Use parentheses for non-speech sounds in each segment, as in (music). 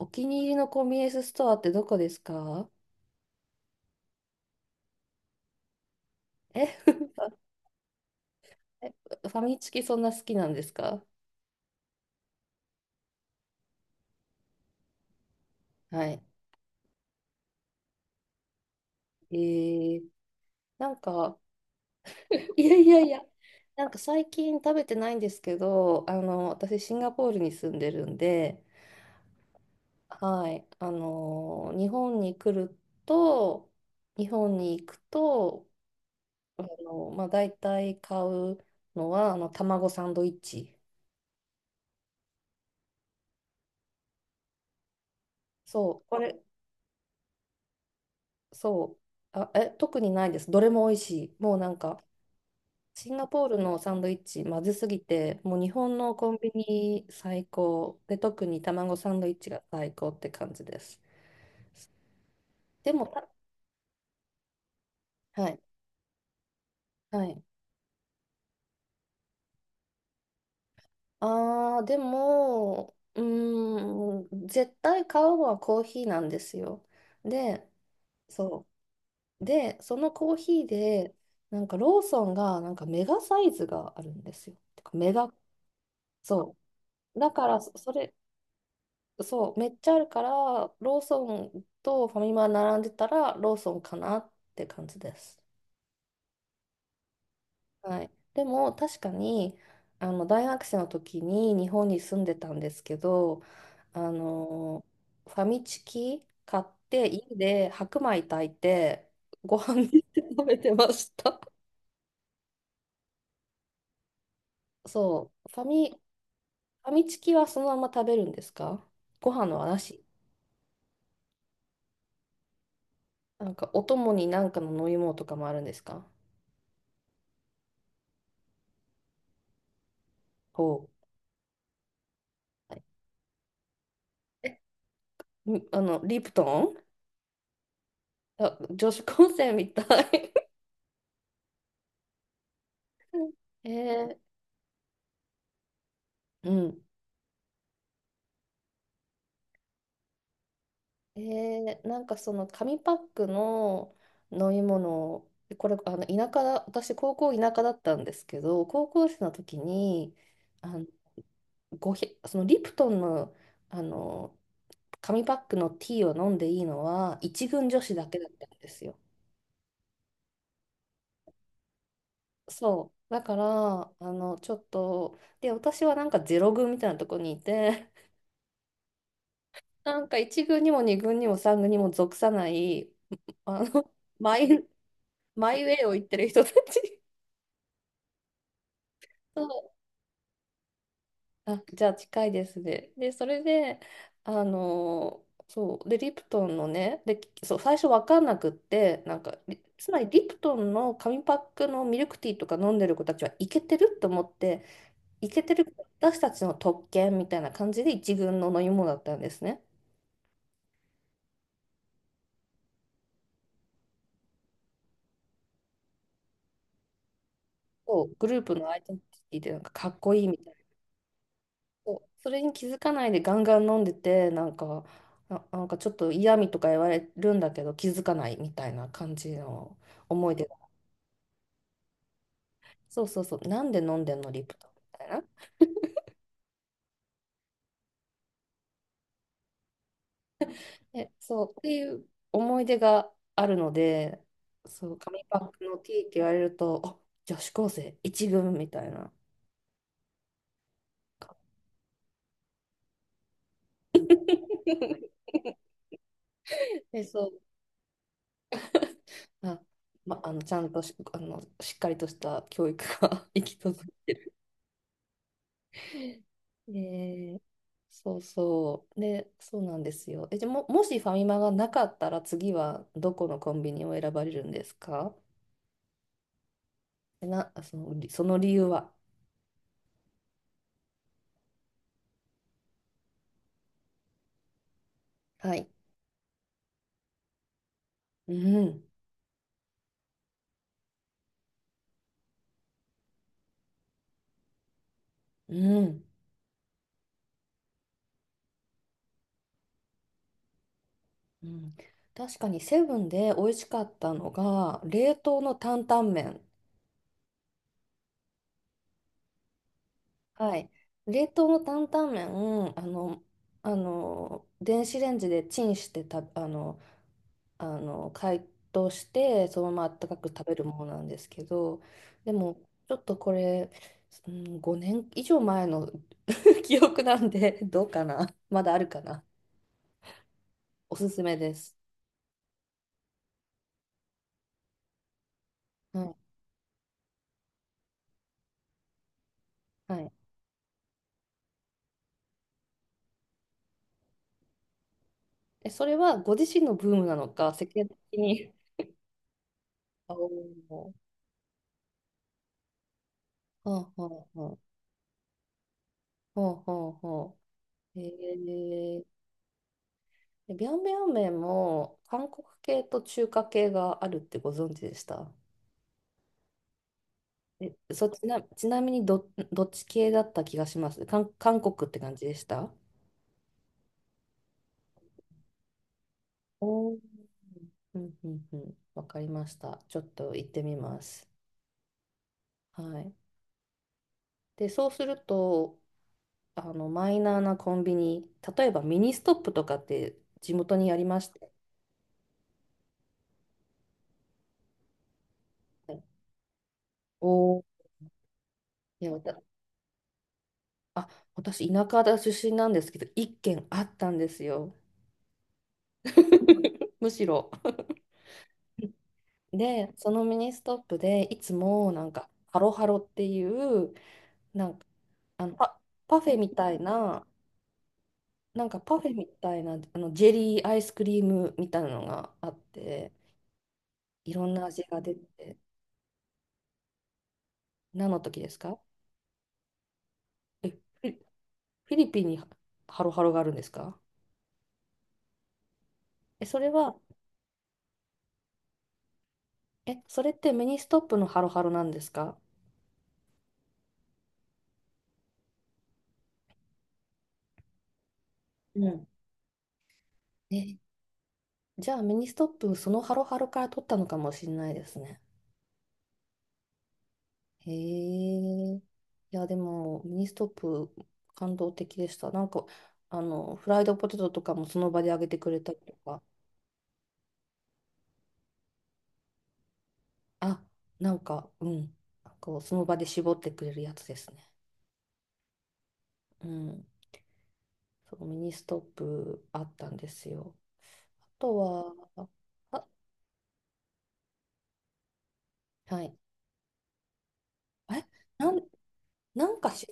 お気に入りのコンビニエンスストアってどこですか？え、(laughs) ファミチキそんな好きなんですか？はい。えー、なんか、(laughs) いやいやいや、なんか最近食べてないんですけど、私シンガポールに住んでるんで、はい、と、日本に行くと、まあ、大体買うのは、卵サンドイッチ。そう、これ、そう。あ、え、特にないです。どれも美味しい。もうなんか、シンガポールのサンドイッチ、まずすぎて、もう日本のコンビニ最高。で、特に卵サンドイッチが最高って感じです。でも、はい、はい。ああでも、うーん、絶対買うのはコーヒーなんですよ。で、そう。で、そのコーヒーで、なんかローソンが、なんかメガサイズがあるんですよ。てかメガ、そう。だからそれ、そう、めっちゃあるから、ローソンとファミマ並んでたら、ローソンかなって感じです。はい。でも、確かに、大学生の時に日本に住んでたんですけど、あの、ファミチキ買って、家で白米炊いて、ご飯にして食べてました。そう、ファミチキはそのまま食べるんですか？ご飯の話。なんか、お供になんかの飲み物とかもあるんですか？ほう。はい、リプトン。あ、女子高生みたい。(laughs) えー、うん。なんかその紙パックの飲み物、これ、田舎だ、私、高校田舎だったんですけど、高校生の時に、あの、そのリプトンの、あの、紙パックのティーを飲んでいいのは、一軍女子だけだったんですよ。そう。だから、ちょっと、で、私はなんかゼロ軍みたいなとこにいて、なんか一軍にも二軍にも三軍にも属さない、あの、マイ、マイウェイを言ってる人たち、そう、あ、じゃあ近いですね。で、それで、あのそう、で、リプトンのね、で、そう、最初分かんなくって、なんか、つまりリプトンの紙パックのミルクティーとか飲んでる子たちはイケてると思って、イケてる私たちの特権みたいな感じで一軍の飲み物だったんですね。そう、グループのアイデンティティでなんかかっこいいみたいな。そう、それに気づかないでガンガン飲んでて、なんかなんかちょっと嫌味とか言われるんだけど気づかないみたいな感じの思い出が、そうそうそう、なんで飲んでんのリプトンみたいな。え、そうっていう思い出があるので、そう、紙パックのティーって言われると、あ、女子高生一軍みたいな。(laughs) で、そう、あ、ま、ちゃんとし、しっかりとした教育が (laughs) 行き届えーそうそう。で、そうなんですよ。え、じゃあもしファミマがなかったら次はどこのコンビニを選ばれるんですか？え、その理由は？はい。うん、うん、うん。確かにセブンで美味しかったのが、冷凍の担々麺。はい。冷凍の担々麺、あの、電子レンジでチンしてた、解凍してそのままあったかく食べるものなんですけど、でもちょっとこれ、うん、5年以上前の (laughs) 記憶なんで、どうかなまだあるかな。おすすめです。はい、はい、え、それはご自身のブームなのか世間的に？(laughs) あ、おー、はあはあはあ、ほうほうほう。ー、ビャンビャン麺も韓国系と中華系があるってご存知でした？え、そう、ちなみにどっち系だった気がします。韓国って感じでした？おー、うんうんうん。わかりました。ちょっと行ってみます。はい。で、そうすると、マイナーなコンビニ、例えばミニストップとかって地元にありまして、はい、おー、いや、わたあ、私、田舎だ出身なんですけど、一軒あったんですよ。(laughs) むしろ。で、そのミニストップで、いつもなんか、ハロハロっていう、なんかあのパ、パフェみたいな、なんかパフェみたいなジェリーアイスクリームみたいなのがあって、いろんな味が出て、何の時ですか？え、ィフィリピンにハロハロがあるんですか？え、それは、え、それってミニストップのハロハロなんですか？うん。え、じゃあミニストップ、そのハロハロから取ったのかもしれないですね。へえ。いや、でも、ミニストップ、感動的でした。なんか、フライドポテトとかもその場で揚げてくれたりとか、あ、なんか、うん、こう、その場で絞ってくれるやつですね。うん。そう、ミニストップあったんですよ。あとは、あ、はい。え、なん、なんかし、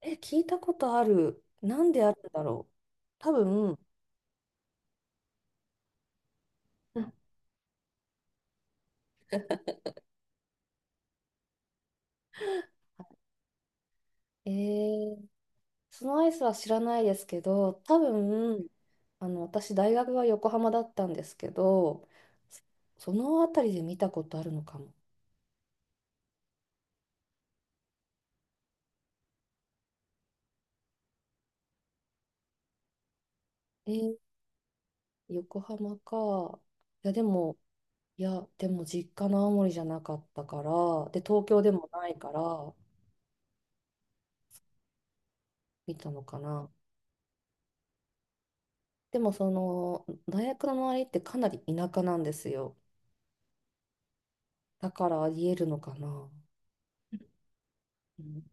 え、聞いたことある。なんであるんだろう。多分、うん、え、そのアイスは知らないですけど、多分、私、大学は横浜だったんですけど、そそのあたりで見たことあるのかも。えー横浜か。いや、でも、いや、でも実家の青森じゃなかったから、で、東京でもないから、見たのかな。でも、その、大学の周りってかなり田舎なんですよ。だからありえるのかな。うん、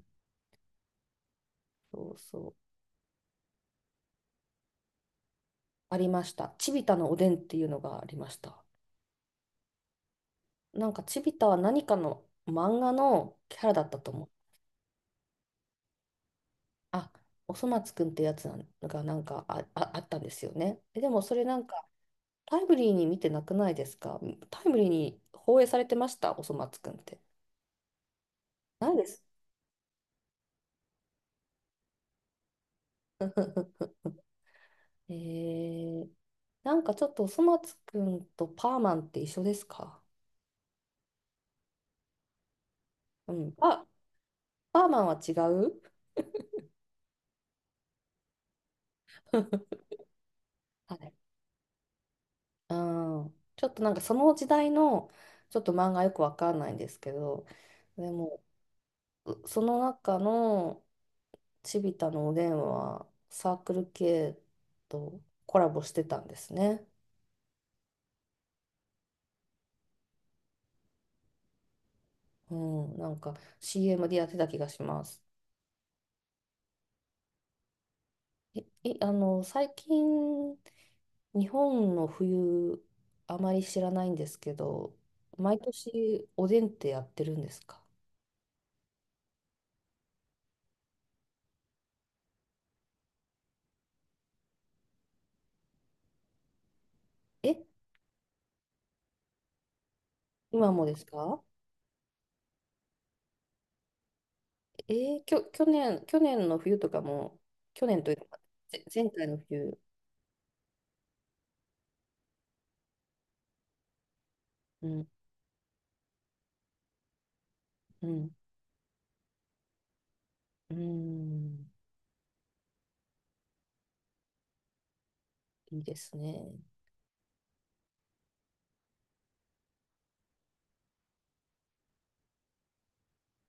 そうそう。ありました。チビタのおでんっていうのがありました。なんかチビタは何かの漫画のキャラだったと思う。あ、おそ松くんってやつなんか、あ、あ、あったんですよね。え、でもそれなんかタイムリーに見てなくないですか？タイムリーに放映されてました、おそ松くんって。ないです。(laughs) えー、なんかちょっとおそ松くんとパーマンって一緒ですか？うん。あ、パーマンは違う。 (laughs) はい。うん。ちょっとなんかその時代の、ちょっと漫画よくわかんないんですけど、でもその中のチビタのおでんはサークル系とコラボしてたんですね。うん、なんか CM でやってた気がします。え、え、最近日本の冬あまり知らないんですけど、毎年おでんってやってるんですか？え、今もですか？え去年、去年の冬とかも、去年というか、前回の冬、うん、うん、うん、いいですね。